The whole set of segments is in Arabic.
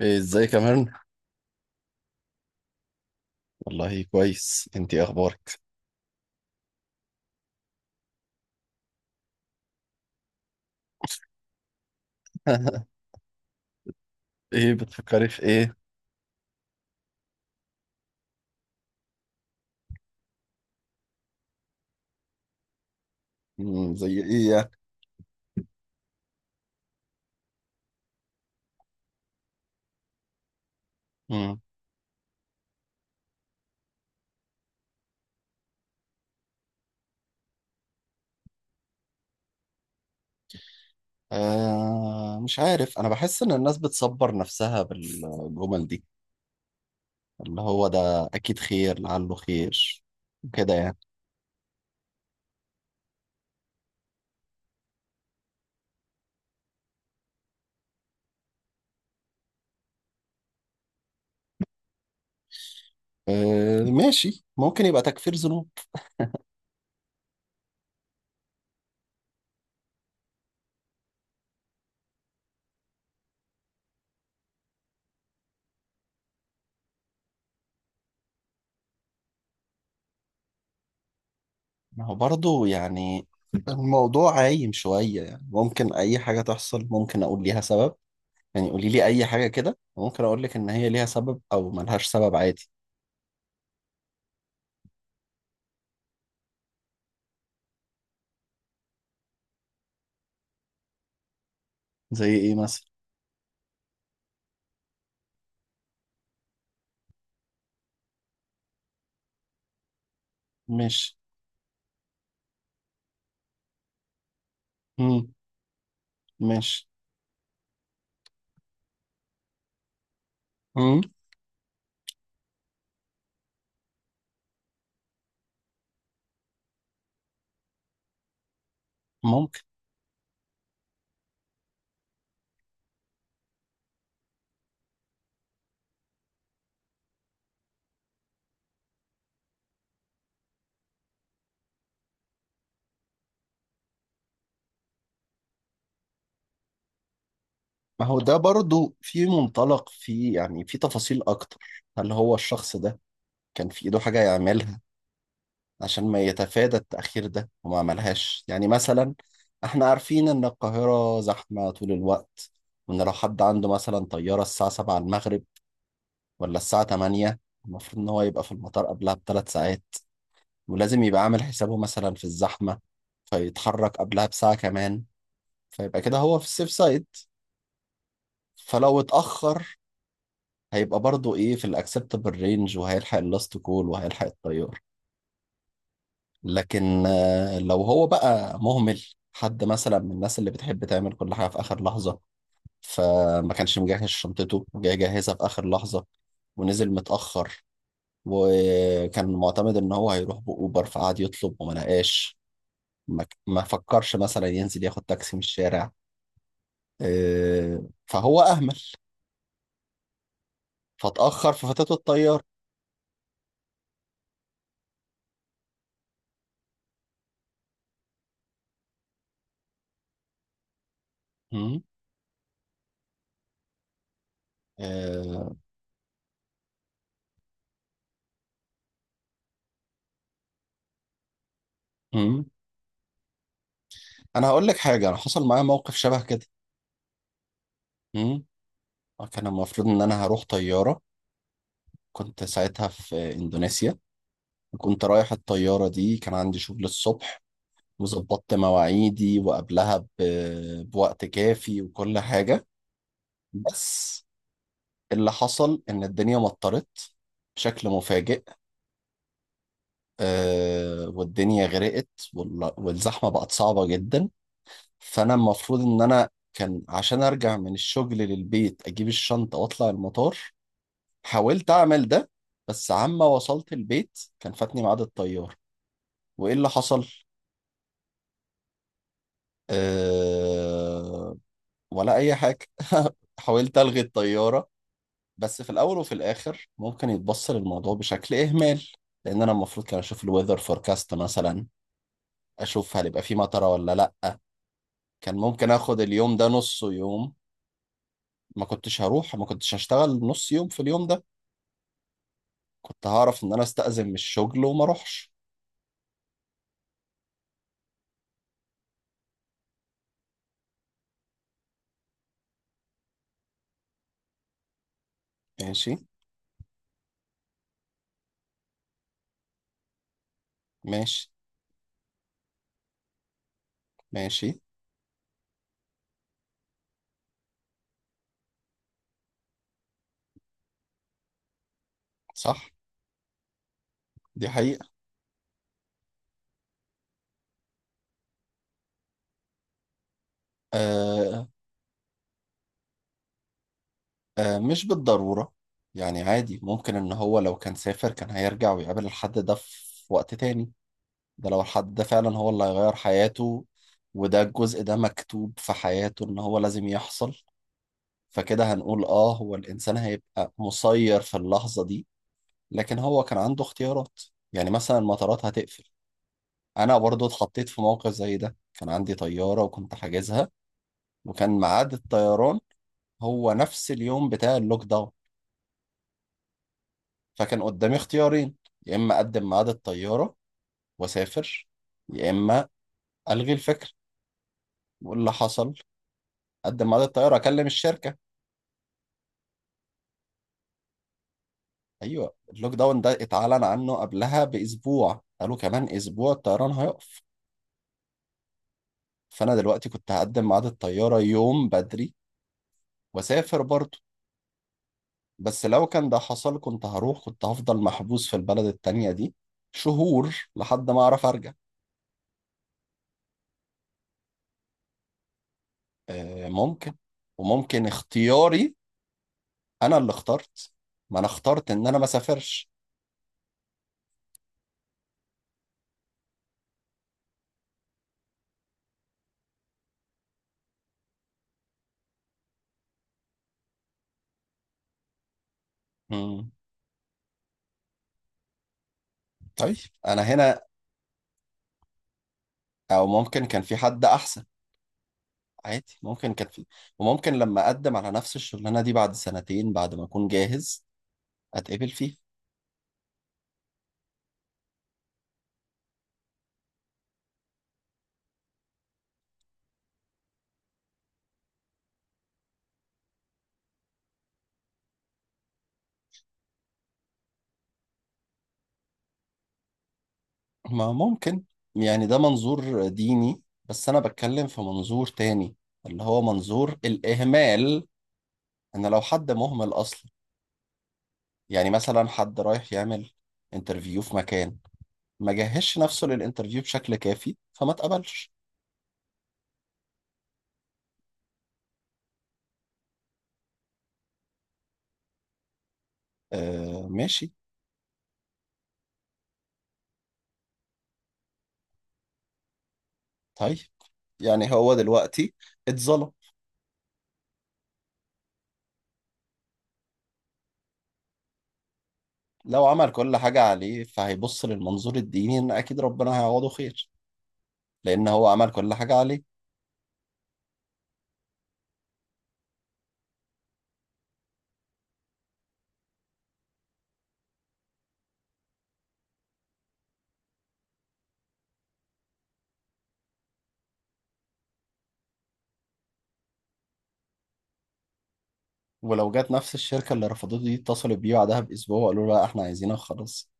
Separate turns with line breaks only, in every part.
إيه، ازيك يا ميرن؟ والله كويس، انتي إيه اخبارك؟ ايه بتفكري في ايه؟ مم، زي ايه يعني؟ مم. آه، مش عارف، انا بحس ان الناس بتصبر نفسها بالجمل دي اللي هو ده اكيد خير، لعله خير، كده يعني. آه ماشي، ممكن يبقى تكفير ذنوب. ما هو برضه يعني الموضوع عايم شوية، يعني ممكن اي حاجة تحصل ممكن اقول ليها سبب. يعني قولي لي اي حاجة كده ممكن اقول لك ان هي ليها سبب او ملهاش سبب عادي. زي ايه مثلا؟ مش. مم. مش. مم. ممكن. ما هو ده برضو في منطلق، في يعني في تفاصيل اكتر. هل هو الشخص ده كان في ايده حاجة يعملها عشان ما يتفادى التأخير ده وما عملهاش؟ يعني مثلا احنا عارفين ان القاهرة زحمة طول الوقت، وان لو حد عنده مثلا طيارة الساعة 7 المغرب ولا الساعة 8، المفروض ان هو يبقى في المطار قبلها ب3 ساعات، ولازم يبقى عامل حسابه مثلا في الزحمة فيتحرك قبلها بساعة كمان، فيبقى كده هو في السيف سايد. فلو اتأخر هيبقى برضو ايه في الاكسبتابل رينج وهيلحق اللاست كول وهيلحق الطيار. لكن آه، لو هو بقى مهمل، حد مثلا من الناس اللي بتحب تعمل كل حاجة في آخر لحظة، فما كانش مجهز شنطته، جاي جاهزة في آخر لحظة، ونزل متأخر، وكان معتمد إن هو هيروح بأوبر فقعد يطلب وما لقاش. ما فكرش مثلا ينزل ياخد تاكسي من الشارع. آه، فهو أهمل فاتأخر ففاتته الطيارة. مم. آه، مم. انا هقول لك حاجه، انا حصل معايا موقف شبه كده. مم. كان المفروض ان انا هروح طياره، كنت ساعتها في اندونيسيا. كنت رايح الطياره دي، كان عندي شغل الصبح وظبطت مواعيدي وقبلها بوقت كافي وكل حاجه. بس اللي حصل ان الدنيا مطرت بشكل مفاجئ، آه والدنيا غرقت. والزحمه بقت صعبه جدا. فانا المفروض ان انا كان عشان ارجع من الشغل للبيت اجيب الشنطه واطلع المطار. حاولت اعمل ده، بس عما وصلت البيت كان فاتني ميعاد الطيار. وايه اللي حصل؟ أه... ولا اي حاجه. حاولت الغي الطياره، بس في الاول وفي الاخر ممكن يتبص للموضوع بشكل اهمال، لان انا المفروض كان اشوف الويذر فوركاست مثلا، اشوف هل يبقى في مطره ولا لا. كان ممكن اخد اليوم ده نصه يوم. ما كنتش هروح، ما كنتش هشتغل نص يوم في اليوم ده، كنت هعرف ان انا استأذن من الشغل وما اروحش. ماشي. ماشي. ماشي. صح. دي حقيقة. آه. آه، مش بالضرورة. يعني عادي ممكن ان هو لو كان سافر كان هيرجع ويقابل الحد ده في وقت تاني، ده لو الحد ده فعلا هو اللي هيغير حياته، وده الجزء ده مكتوب في حياته ان هو لازم يحصل. فكده هنقول اه هو الانسان هيبقى مسير في اللحظة دي، لكن هو كان عنده اختيارات. يعني مثلا المطارات هتقفل، انا برضو اتحطيت في موقف زي ده، كان عندي طيارة وكنت حاجزها، وكان ميعاد الطيران هو نفس اليوم بتاع اللوك داون. فكان قدامي اختيارين، يا اما اقدم ميعاد الطيارة واسافر، يا اما الغي الفكرة. واللي حصل، اقدم ميعاد الطيارة اكلم الشركة. ايوه، اللوك داون ده اتعلن عنه قبلها باسبوع، قالوا كمان اسبوع الطيران هيقف. فانا دلوقتي كنت هقدم ميعاد الطيارة يوم بدري واسافر برضو، بس لو كان ده حصل كنت هروح، كنت هفضل محبوس في البلد التانية دي شهور لحد ما أعرف أرجع. آه، ممكن. وممكن اختياري، أنا اللي اخترت، ما أنا اخترت إن أنا ما سافرش. مم. طيب. أنا هنا، أو ممكن كان في حد أحسن. عادي، ممكن كان في. وممكن لما أقدم على نفس الشغلانة دي بعد سنتين بعد ما أكون جاهز أتقبل فيه. ما ممكن. يعني ده منظور ديني، بس أنا بتكلم في منظور تاني، اللي هو منظور الإهمال. ان لو حد مهمل اصلا، يعني مثلا حد رايح يعمل انترفيو في مكان، ما جهزش نفسه للانترفيو بشكل كافي فما اتقبلش. آه ماشي. طيب، يعني هو دلوقتي اتظلم. لو عمل كل حاجة عليه فهيبص للمنظور الديني ان اكيد ربنا هيعوضه خير، لان هو عمل كل حاجة عليه. ولو جت نفس الشركة اللي رفضته دي اتصلت بيه بعدها باسبوع وقالوا له لا احنا عايزينك خلاص.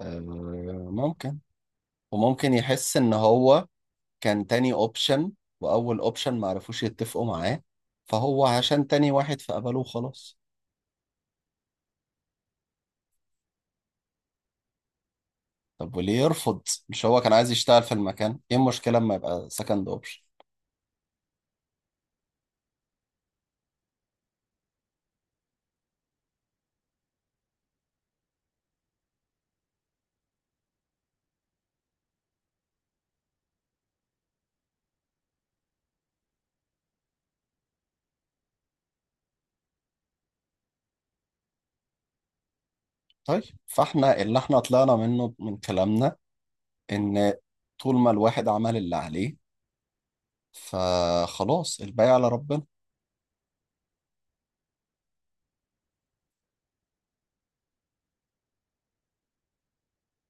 آه، ممكن. وممكن يحس ان هو كان تاني اوبشن، واول اوبشن ما عرفوش يتفقوا معاه، فهو عشان تاني واحد فقبله وخلاص. طب وليه يرفض؟ مش هو كان عايز يشتغل في المكان؟ ايه المشكلة اما يبقى سكند اوبشن؟ طيب فاحنا اللي احنا طلعنا منه من كلامنا ان طول ما الواحد عمل اللي عليه فخلاص الباقي على ربنا.